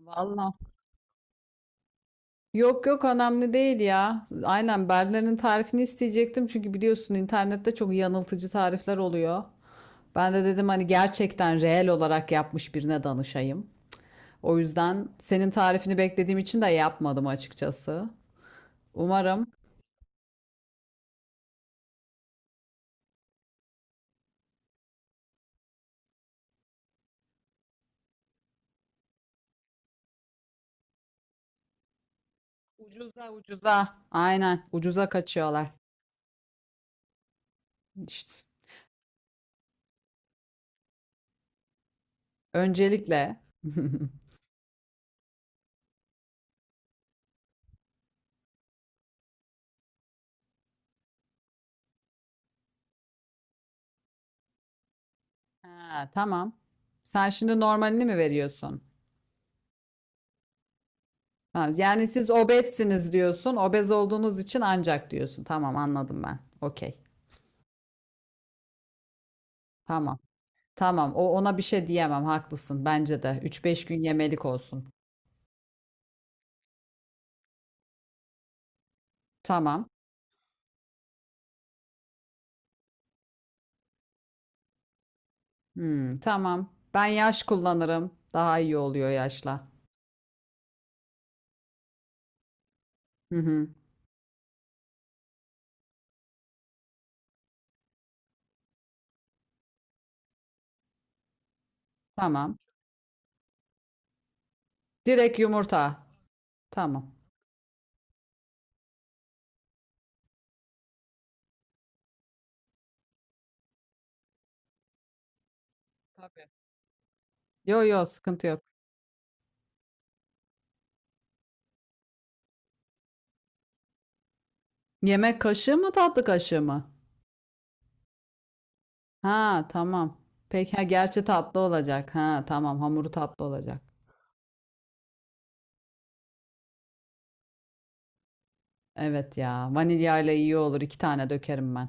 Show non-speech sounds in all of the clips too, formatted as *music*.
Vallahi. Yok yok önemli değil ya. Aynen Berliner'in tarifini isteyecektim. Çünkü biliyorsun internette çok yanıltıcı tarifler oluyor. Ben de dedim hani gerçekten reel olarak yapmış birine danışayım. O yüzden senin tarifini beklediğim için de yapmadım açıkçası. Umarım. Ucuza ucuza. Aynen ucuza kaçıyorlar. İşte. Öncelikle. *laughs* Ha, tamam. Sen şimdi normalini mi veriyorsun? Ha, yani siz obezsiniz diyorsun. Obez olduğunuz için ancak diyorsun. Tamam anladım ben. Okey. Tamam. Tamam. O ona bir şey diyemem. Haklısın. Bence de. 3-5 gün yemelik olsun. Tamam. Hmm, tamam. Ben yaş kullanırım. Daha iyi oluyor yaşla. Hı hı. Tamam. Direkt yumurta. Tamam. Tabii. Yo yo sıkıntı yok. Yemek kaşığı mı tatlı kaşığı mı? Ha tamam. Peki ha gerçi tatlı olacak. Ha tamam hamuru tatlı olacak. Evet ya. Vanilyayla iyi olur. iki tane dökerim ben.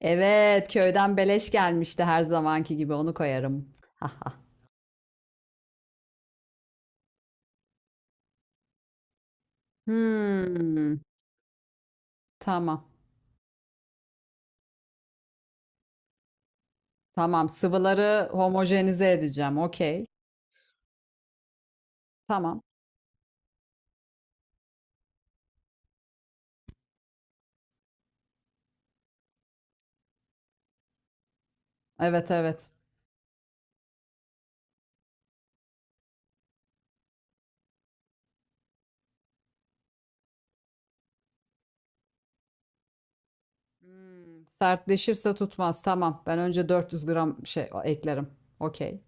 Evet, köyden beleş gelmişti her zamanki gibi. Onu koyarım. Haha. Hmm, tamam. Tamam. Sıvıları homojenize edeceğim. Okey. Tamam. Evet evet. Hmm, sertleşirse tutmaz. Tamam. Ben önce 400 gram şey eklerim. Okey.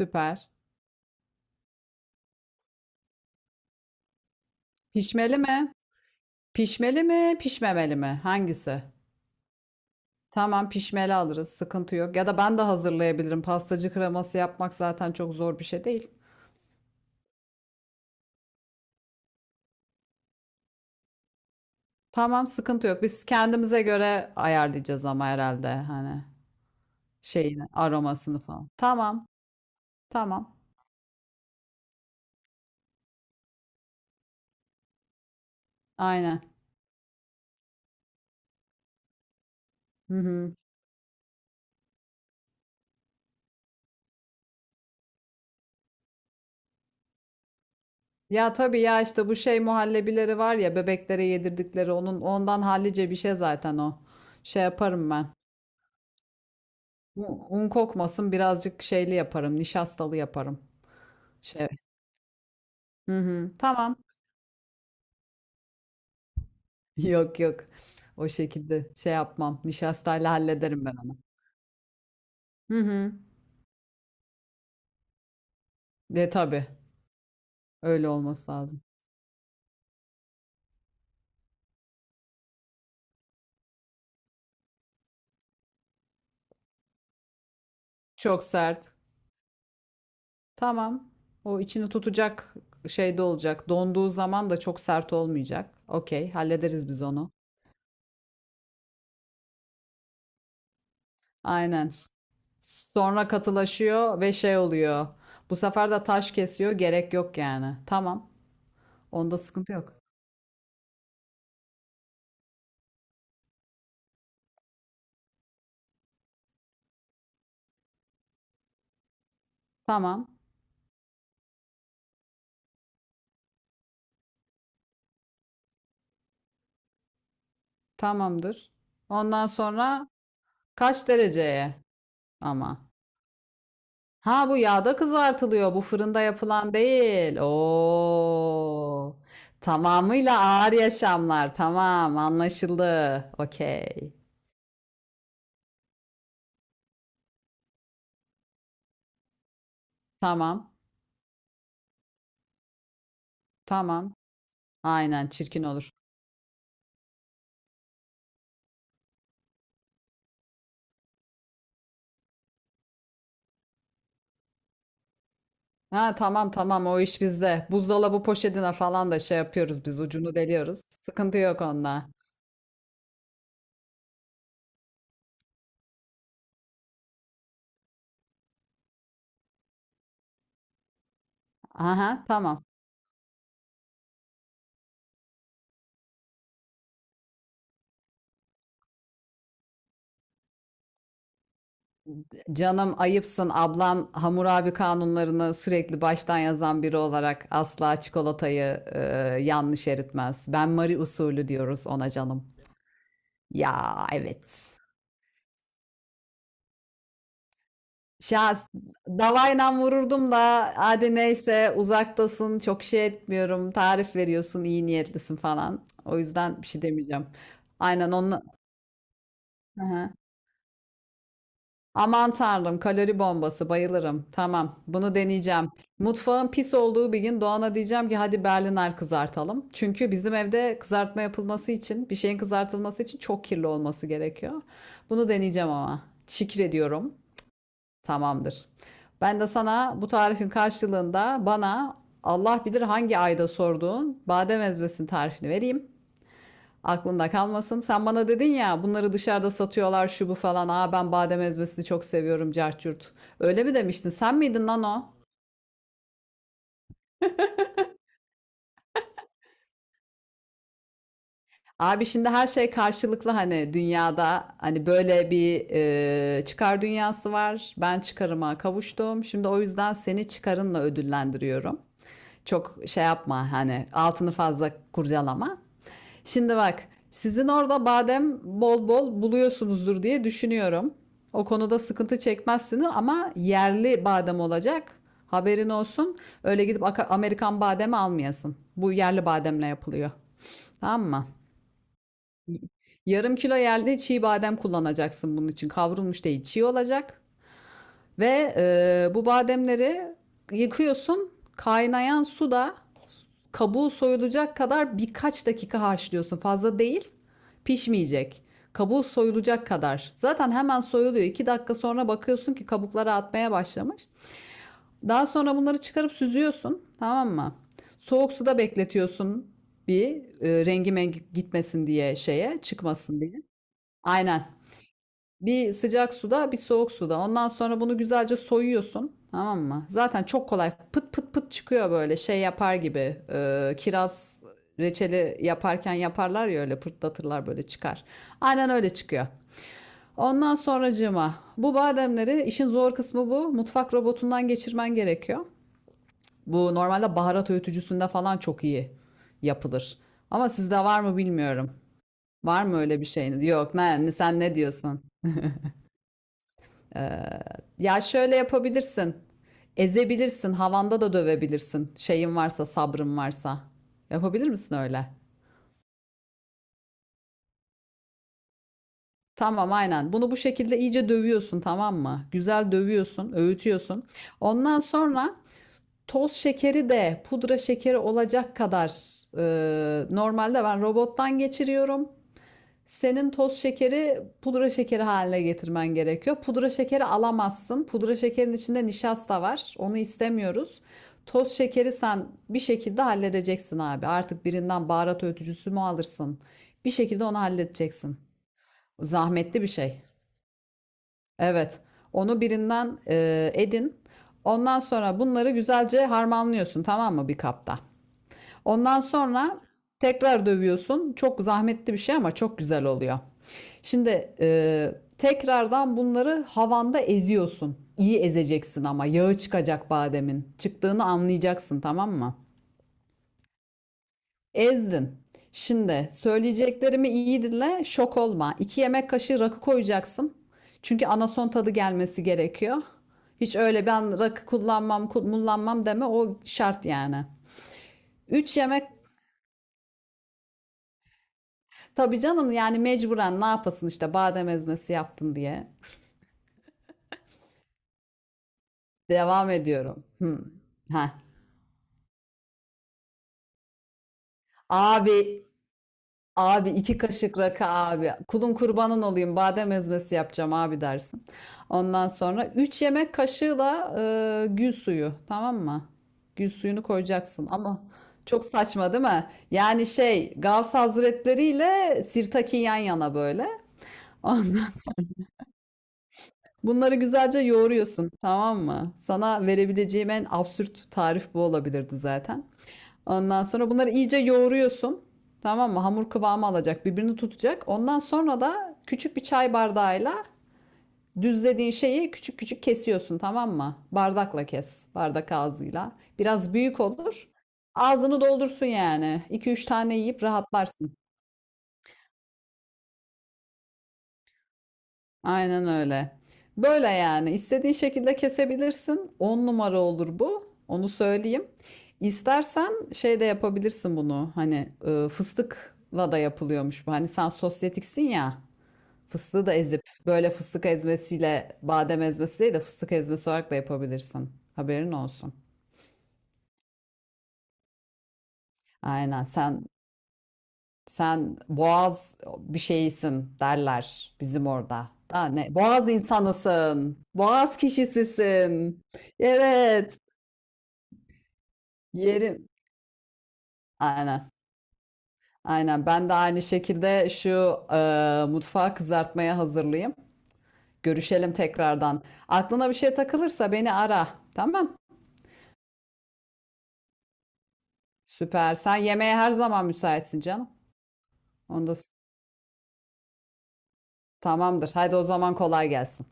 Süper. Pişmeli mi? Pişmeli mi? Pişmemeli mi? Hangisi? Tamam pişmeli alırız. Sıkıntı yok. Ya da ben de hazırlayabilirim. Pastacı kreması yapmak zaten çok zor bir şey değil. Tamam sıkıntı yok. Biz kendimize göre ayarlayacağız ama herhalde hani şeyini, aromasını falan. Tamam. Tamam. Aynen. Hı hı. Ya tabii ya işte bu şey muhallebileri var ya bebeklere yedirdikleri onun ondan hallice bir şey zaten o. Şey yaparım ben. Un, un kokmasın birazcık şeyli yaparım. Nişastalı yaparım. Şey. Hı hı. Tamam. Yok yok. O şekilde şey yapmam. Nişastayla hallederim ben onu. Hı hı. De tabii. Öyle olması lazım. Çok sert. Tamam. O içini tutacak şeyde olacak. Donduğu zaman da çok sert olmayacak. Okey, hallederiz biz onu. Aynen. Sonra katılaşıyor ve şey oluyor. Bu sefer de taş kesiyor. Gerek yok yani. Tamam. Onda sıkıntı yok. Tamam. Tamamdır. Ondan sonra kaç dereceye ama? Ha bu yağda kızartılıyor. Bu fırında yapılan değil. Oo. Tamamıyla ağır yaşamlar. Tamam, anlaşıldı. Okey. Tamam. Tamam. Aynen çirkin olur. Ha tamam tamam o iş bizde. Buzdolabı poşetine falan da şey yapıyoruz biz ucunu deliyoruz. Sıkıntı yok onda. Aha tamam. Canım ayıpsın ablan Hammurabi kanunlarını sürekli baştan yazan biri olarak asla çikolatayı yanlış eritmez. Ben Marie usulü diyoruz ona canım. Ya evet. Şahs Davayla vururdum da hadi neyse uzaktasın çok şey etmiyorum tarif veriyorsun iyi niyetlisin falan. O yüzden bir şey demeyeceğim. Aynen onunla. Aman tanrım kalori bombası bayılırım. Tamam bunu deneyeceğim. Mutfağın pis olduğu bir gün Doğan'a diyeceğim ki hadi Berliner kızartalım. Çünkü bizim evde kızartma yapılması için bir şeyin kızartılması için çok kirli olması gerekiyor. Bunu deneyeceğim ama. Şükür diyorum. Tamamdır. Ben de sana bu tarifin karşılığında bana Allah bilir hangi ayda sorduğun badem ezmesinin tarifini vereyim. Aklında kalmasın. Sen bana dedin ya bunları dışarıda satıyorlar şu bu falan. Aa ben badem ezmesini çok seviyorum carçurt. Öyle mi demiştin? Sen miydin lan o? Abi şimdi her şey karşılıklı hani dünyada hani böyle bir çıkar dünyası var. Ben çıkarıma kavuştum. Şimdi o yüzden seni çıkarınla ödüllendiriyorum. Çok şey yapma hani altını fazla kurcalama. Şimdi bak, sizin orada badem bol bol buluyorsunuzdur diye düşünüyorum. O konuda sıkıntı çekmezsiniz ama yerli badem olacak. Haberin olsun. Öyle gidip Amerikan bademi almayasın. Bu yerli bademle yapılıyor. Tamam mı? Yarım kilo yerli çiğ badem kullanacaksın bunun için. Kavrulmuş değil, çiğ olacak. Ve bu bademleri yıkıyorsun. Kaynayan suda kabuğu soyulacak kadar birkaç dakika haşlıyorsun. Fazla değil. Pişmeyecek. Kabuğu soyulacak kadar. Zaten hemen soyuluyor. 2 dakika sonra bakıyorsun ki kabukları atmaya başlamış. Daha sonra bunları çıkarıp süzüyorsun. Tamam mı? Soğuk suda bekletiyorsun bir rengi mengi gitmesin diye şeye çıkmasın diye. Aynen. Bir sıcak suda, bir soğuk suda. Ondan sonra bunu güzelce soyuyorsun. Tamam mı? Zaten çok kolay. Pıt pıt pıt çıkıyor böyle şey yapar gibi. Kiraz reçeli yaparken yaparlar ya öyle pırtlatırlar böyle çıkar. Aynen öyle çıkıyor. Ondan sonracığıma bu bademleri işin zor kısmı bu. Mutfak robotundan geçirmen gerekiyor. Bu normalde baharat öğütücüsünde falan çok iyi yapılır. Ama sizde var mı bilmiyorum. Var mı öyle bir şeyiniz? Yok, ne, sen ne diyorsun? Ee, ya şöyle yapabilirsin. Ezebilirsin, havanda da dövebilirsin. Şeyin varsa, sabrın varsa. Yapabilir misin öyle? Tamam, aynen. Bunu bu şekilde iyice dövüyorsun, tamam mı? Güzel dövüyorsun, öğütüyorsun. Ondan sonra toz şekeri de pudra şekeri olacak kadar normalde ben robottan geçiriyorum. Senin toz şekeri pudra şekeri haline getirmen gerekiyor. Pudra şekeri alamazsın. Pudra şekerin içinde nişasta var. Onu istemiyoruz. Toz şekeri sen bir şekilde halledeceksin abi. Artık birinden baharat öğütücüsü mü alırsın? Bir şekilde onu halledeceksin. Zahmetli bir şey. Evet. Onu birinden edin. Ondan sonra bunları güzelce harmanlıyorsun tamam mı bir kapta? Ondan sonra tekrar dövüyorsun. Çok zahmetli bir şey ama çok güzel oluyor. Şimdi tekrardan bunları havanda eziyorsun. İyi ezeceksin ama yağı çıkacak bademin. Çıktığını anlayacaksın tamam mı? Ezdin. Şimdi söyleyeceklerimi iyi dinle, şok olma. 2 yemek kaşığı rakı koyacaksın. Çünkü anason tadı gelmesi gerekiyor. Hiç öyle ben rakı kullanmam, kullanmam deme o şart yani. 3 yemek Tabii canım yani mecburen ne yapasın işte badem ezmesi yaptın diye. Devam ediyorum. Hmm. Heh. Abi, abi iki kaşık rakı abi. Kulun kurbanın olayım badem ezmesi yapacağım abi dersin. Ondan sonra 3 yemek kaşığı da gül suyu tamam mı? Gül suyunu koyacaksın ama çok saçma değil mi? Yani şey Gavs Hazretleri ile Sirtaki yan yana böyle. Ondan Bunları güzelce yoğuruyorsun, tamam mı? Sana verebileceğim en absürt tarif bu olabilirdi zaten. Ondan sonra bunları iyice yoğuruyorsun. Tamam mı? Hamur kıvamı alacak, birbirini tutacak. Ondan sonra da küçük bir çay bardağıyla düzlediğin şeyi küçük küçük kesiyorsun, tamam mı? Bardakla kes, bardak ağzıyla. Biraz büyük olur. Ağzını doldursun yani. 2 üç tane yiyip rahatlarsın. Aynen öyle. Böyle yani istediğin şekilde kesebilirsin. 10 numara olur bu. Onu söyleyeyim. İstersen şey de yapabilirsin bunu. Hani fıstıkla da yapılıyormuş bu. Hani sen sosyetiksin ya. Fıstığı da ezip böyle fıstık ezmesiyle badem ezmesi değil de fıstık ezmesi olarak da yapabilirsin. Haberin olsun. Aynen Sen boğaz bir şeysin derler bizim orada. Ha, ne? Boğaz insanısın. Boğaz kişisisin. Evet. Yerim. Aynen. Aynen. Ben de aynı şekilde şu mutfağı kızartmaya hazırlayayım. Görüşelim tekrardan. Aklına bir şey takılırsa beni ara. Tamam. Süper. Sen yemeğe her zaman müsaitsin canım. Onda tamamdır. Haydi o zaman kolay gelsin.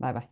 Bay bay.